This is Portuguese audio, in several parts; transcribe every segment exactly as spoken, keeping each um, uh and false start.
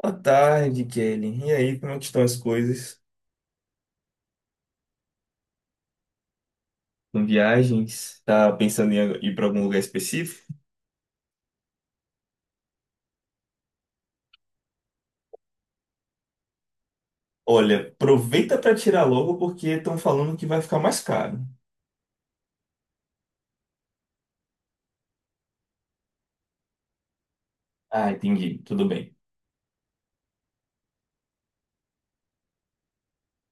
Boa tarde, Kelly. E aí, como é que estão as coisas? Com viagens? Tá pensando em ir para algum lugar específico? Olha, aproveita para tirar logo porque estão falando que vai ficar mais caro. Ah, entendi. Tudo bem.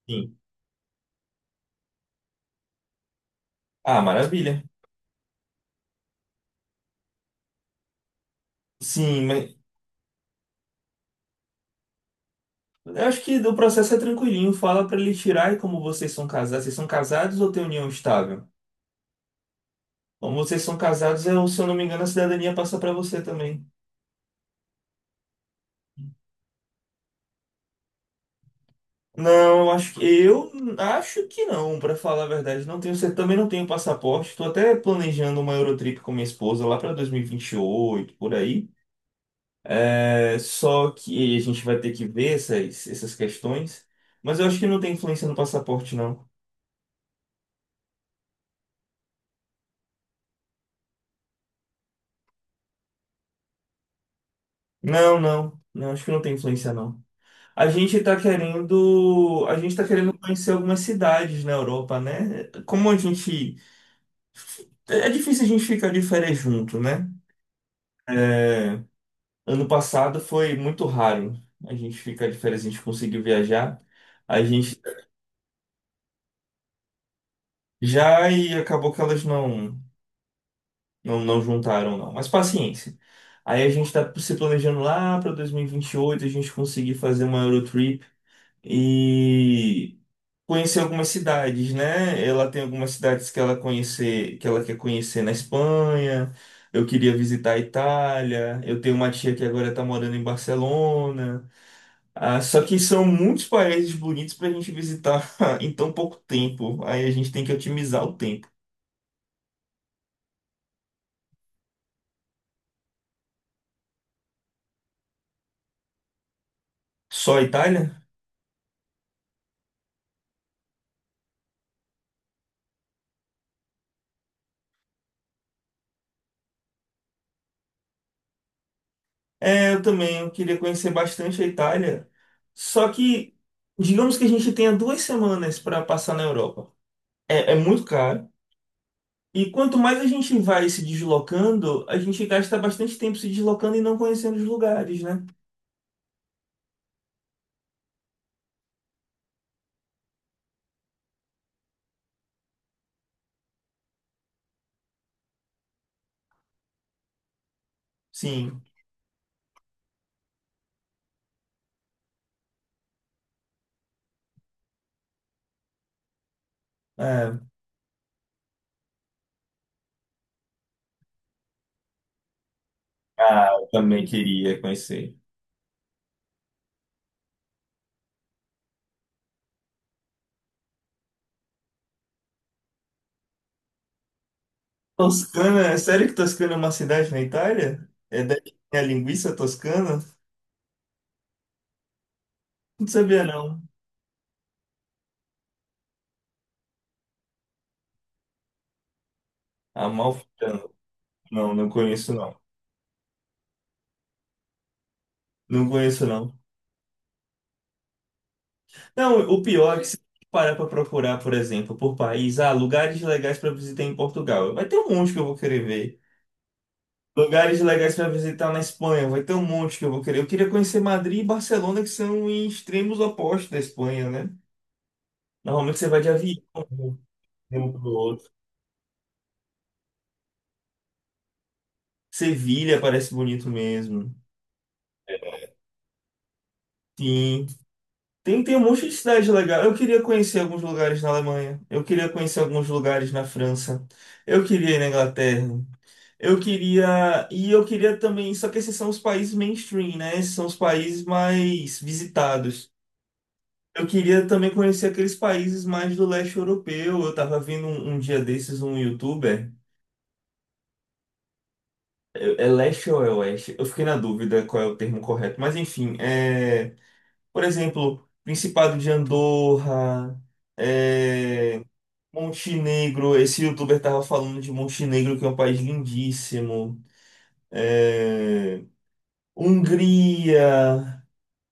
Sim. Ah, maravilha. Sim, mas eu acho que o processo é tranquilinho. Fala para ele tirar e como vocês são casados. Vocês são casados ou têm união estável? Como vocês são casados, eu, se eu não me engano, a cidadania passa para você também. Não, acho que eu acho que não, pra falar a verdade. Não tenho, cer- também não tenho passaporte. Estou até planejando uma Eurotrip com minha esposa lá para dois mil e e vinte e oito por aí. É, só que a gente vai ter que ver essas, essas questões. Mas eu acho que não tem influência no passaporte, não. Não, não. Não, acho que não tem influência, não. A gente tá querendo, a gente tá querendo conhecer algumas cidades na Europa, né? Como a gente, é difícil a gente ficar de férias junto, né? É. Ano passado foi muito raro a gente ficar de férias, a gente conseguiu viajar. A gente já e acabou que elas não, não, não juntaram, não. Mas paciência. Aí a gente tá se planejando lá para dois mil e vinte e oito a gente conseguir fazer uma Eurotrip e conhecer algumas cidades, né? Ela tem algumas cidades que ela conhecer, que ela quer conhecer na Espanha. Eu queria visitar a Itália. Eu tenho uma tia que agora tá morando em Barcelona. Ah, só que são muitos países bonitos para a gente visitar em tão pouco tempo. Aí a gente tem que otimizar o tempo. Só a Itália? É, eu também. Eu queria conhecer bastante a Itália. Só que, digamos que a gente tenha duas semanas para passar na Europa. É, é muito caro. E quanto mais a gente vai se deslocando, a gente gasta bastante tempo se deslocando e não conhecendo os lugares, né? Sim. É. Ah, eu também queria conhecer. Toscana, é sério que Toscana é uma cidade na Itália? É daí que tem a linguiça toscana? Não sabia não. Amalfitano. Não, não conheço não. Não conheço não. Não, o pior é que se parar para procurar, por exemplo, por país, ah, lugares legais para visitar em Portugal, vai ter um monte que eu vou querer ver. Lugares legais para visitar na Espanha, vai ter um monte que eu vou querer. Eu queria conhecer Madrid e Barcelona, que são em extremos opostos da Espanha, né? Normalmente você vai de avião de um para o outro. Sevilha parece bonito mesmo. Sim. Tem, tem um monte de cidade legal. Eu queria conhecer alguns lugares na Alemanha. Eu queria conhecer alguns lugares na França. Eu queria ir na Inglaterra. Eu queria. E eu queria também. Só que esses são os países mainstream, né? Esses são os países mais visitados. Eu queria também conhecer aqueles países mais do leste europeu. Eu tava vendo um, um dia desses um youtuber. É é leste ou é oeste? Eu fiquei na dúvida qual é o termo correto. Mas enfim, é, por exemplo, Principado de Andorra. É, Montenegro, esse youtuber tava falando de Montenegro, que é um país lindíssimo. É, Hungria.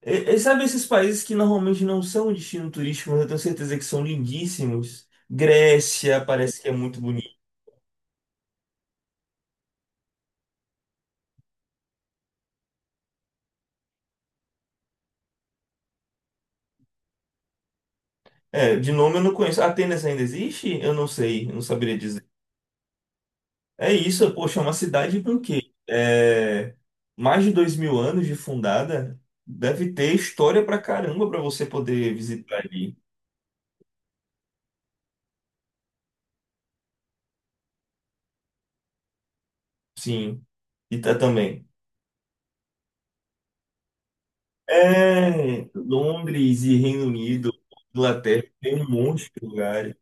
E- e sabe esses países que normalmente não são destino turístico, mas eu tenho certeza que são lindíssimos? Grécia parece que é muito bonito. É, de nome eu não conheço. Atenas ainda existe? Eu não sei, eu não saberia dizer. É isso, poxa, é uma cidade com o quê? É, mais de dois mil anos de fundada. Deve ter história pra caramba pra você poder visitar ali. Sim, e tá também. É, Londres e Reino Unido, Inglaterra, tem um monte de lugares.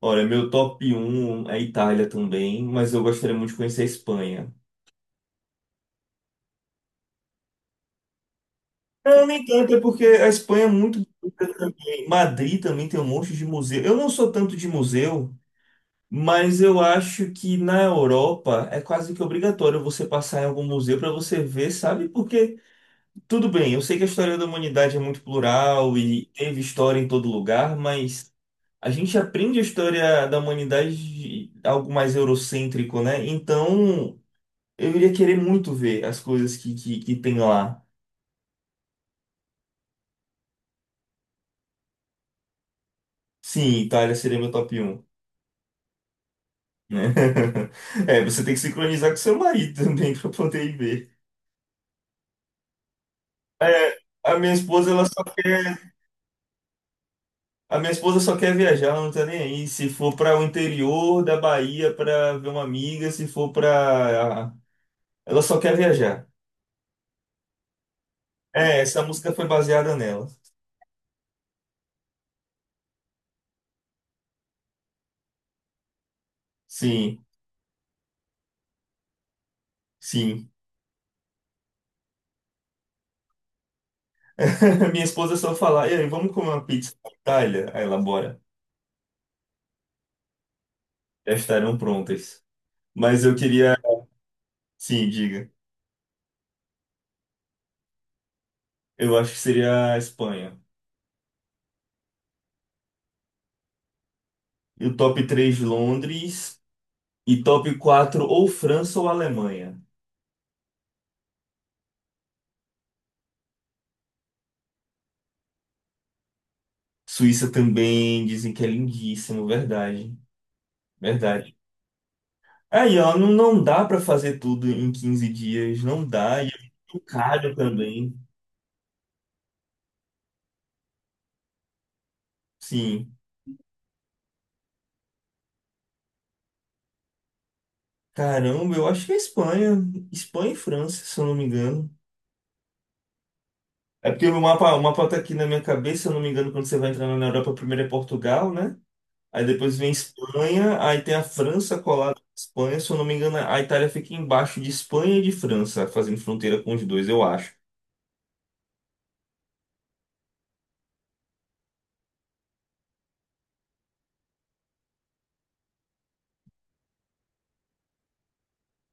Olha, meu top um é a Itália também, mas eu gostaria muito de conhecer a Espanha. Não, nem tanto, é porque a Espanha é muito bonita também. Madrid também tem um monte de museu. Eu não sou tanto de museu, mas eu acho que na Europa é quase que obrigatório você passar em algum museu para você ver, sabe? Porque tudo bem, eu sei que a história da humanidade é muito plural e teve história em todo lugar, mas a gente aprende a história da humanidade de algo mais eurocêntrico, né? Então, eu iria querer muito ver as coisas que, que, que tem lá. Sim, Itália seria meu top um, né? É, você tem que sincronizar com seu marido também para poder ir ver. É, a minha esposa, ela só quer, a minha esposa só quer viajar, ela não tá nem aí. Se for para o interior da Bahia para ver uma amiga, se for para ela só quer viajar. É, essa música foi baseada nela. Sim, sim. Minha esposa só fala, e aí, vamos comer uma pizza na Itália? Aí ela, bora. Já estarão prontas. Mas eu queria, sim, diga. Eu acho que seria a Espanha. E o top três Londres. E top quatro ou França ou Alemanha. Suíça também, dizem que é lindíssimo, verdade. Verdade. Aí, ó, não, não dá pra fazer tudo em quinze dias, não dá. E é muito caro também. Sim. Caramba, eu acho que é Espanha. Espanha e França, se eu não me engano. É porque o mapa, o mapa tá aqui na minha cabeça, se eu não me engano, quando você vai entrando na Europa, primeiro é Portugal, né? Aí depois vem Espanha, aí tem a França colada com a Espanha, se eu não me engano, a Itália fica embaixo de Espanha e de França, fazendo fronteira com os dois, eu acho.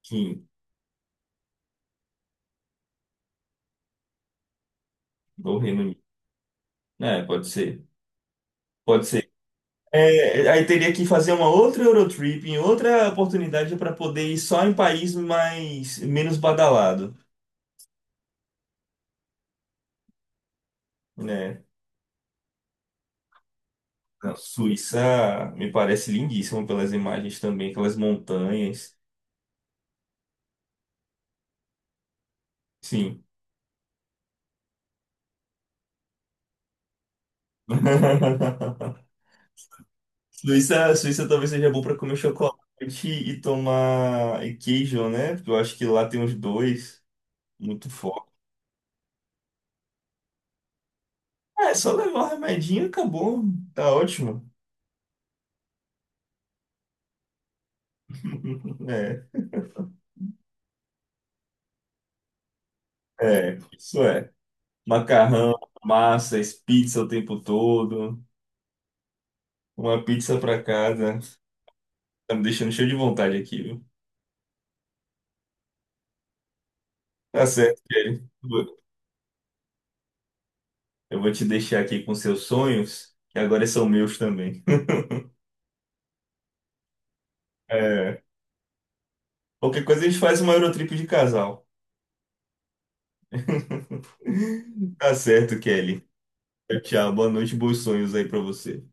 Sim, ou Reino Unido. É, pode ser. Pode ser. É, aí teria que fazer uma outra Eurotrip, em outra oportunidade para poder ir só em país mais menos badalado, né? Não, Suíça me parece lindíssimo pelas imagens também, aquelas montanhas. Sim. Suíça, Suíça talvez seja bom para comer chocolate e tomar e queijo, né? Porque eu acho que lá tem os dois muito forte. É, só levar o remedinho e acabou. Tá ótimo. É, é, isso é. Macarrão, massas, pizza o tempo todo. Uma pizza para casa. Tá me deixando cheio de vontade aqui, viu? Tá certo, Kelly. Eu vou te deixar aqui com seus sonhos, que agora são meus também. É, qualquer coisa a gente faz uma Eurotrip de casal. Tá certo, Kelly. Tchau, tchau. Boa noite, bons sonhos aí pra você.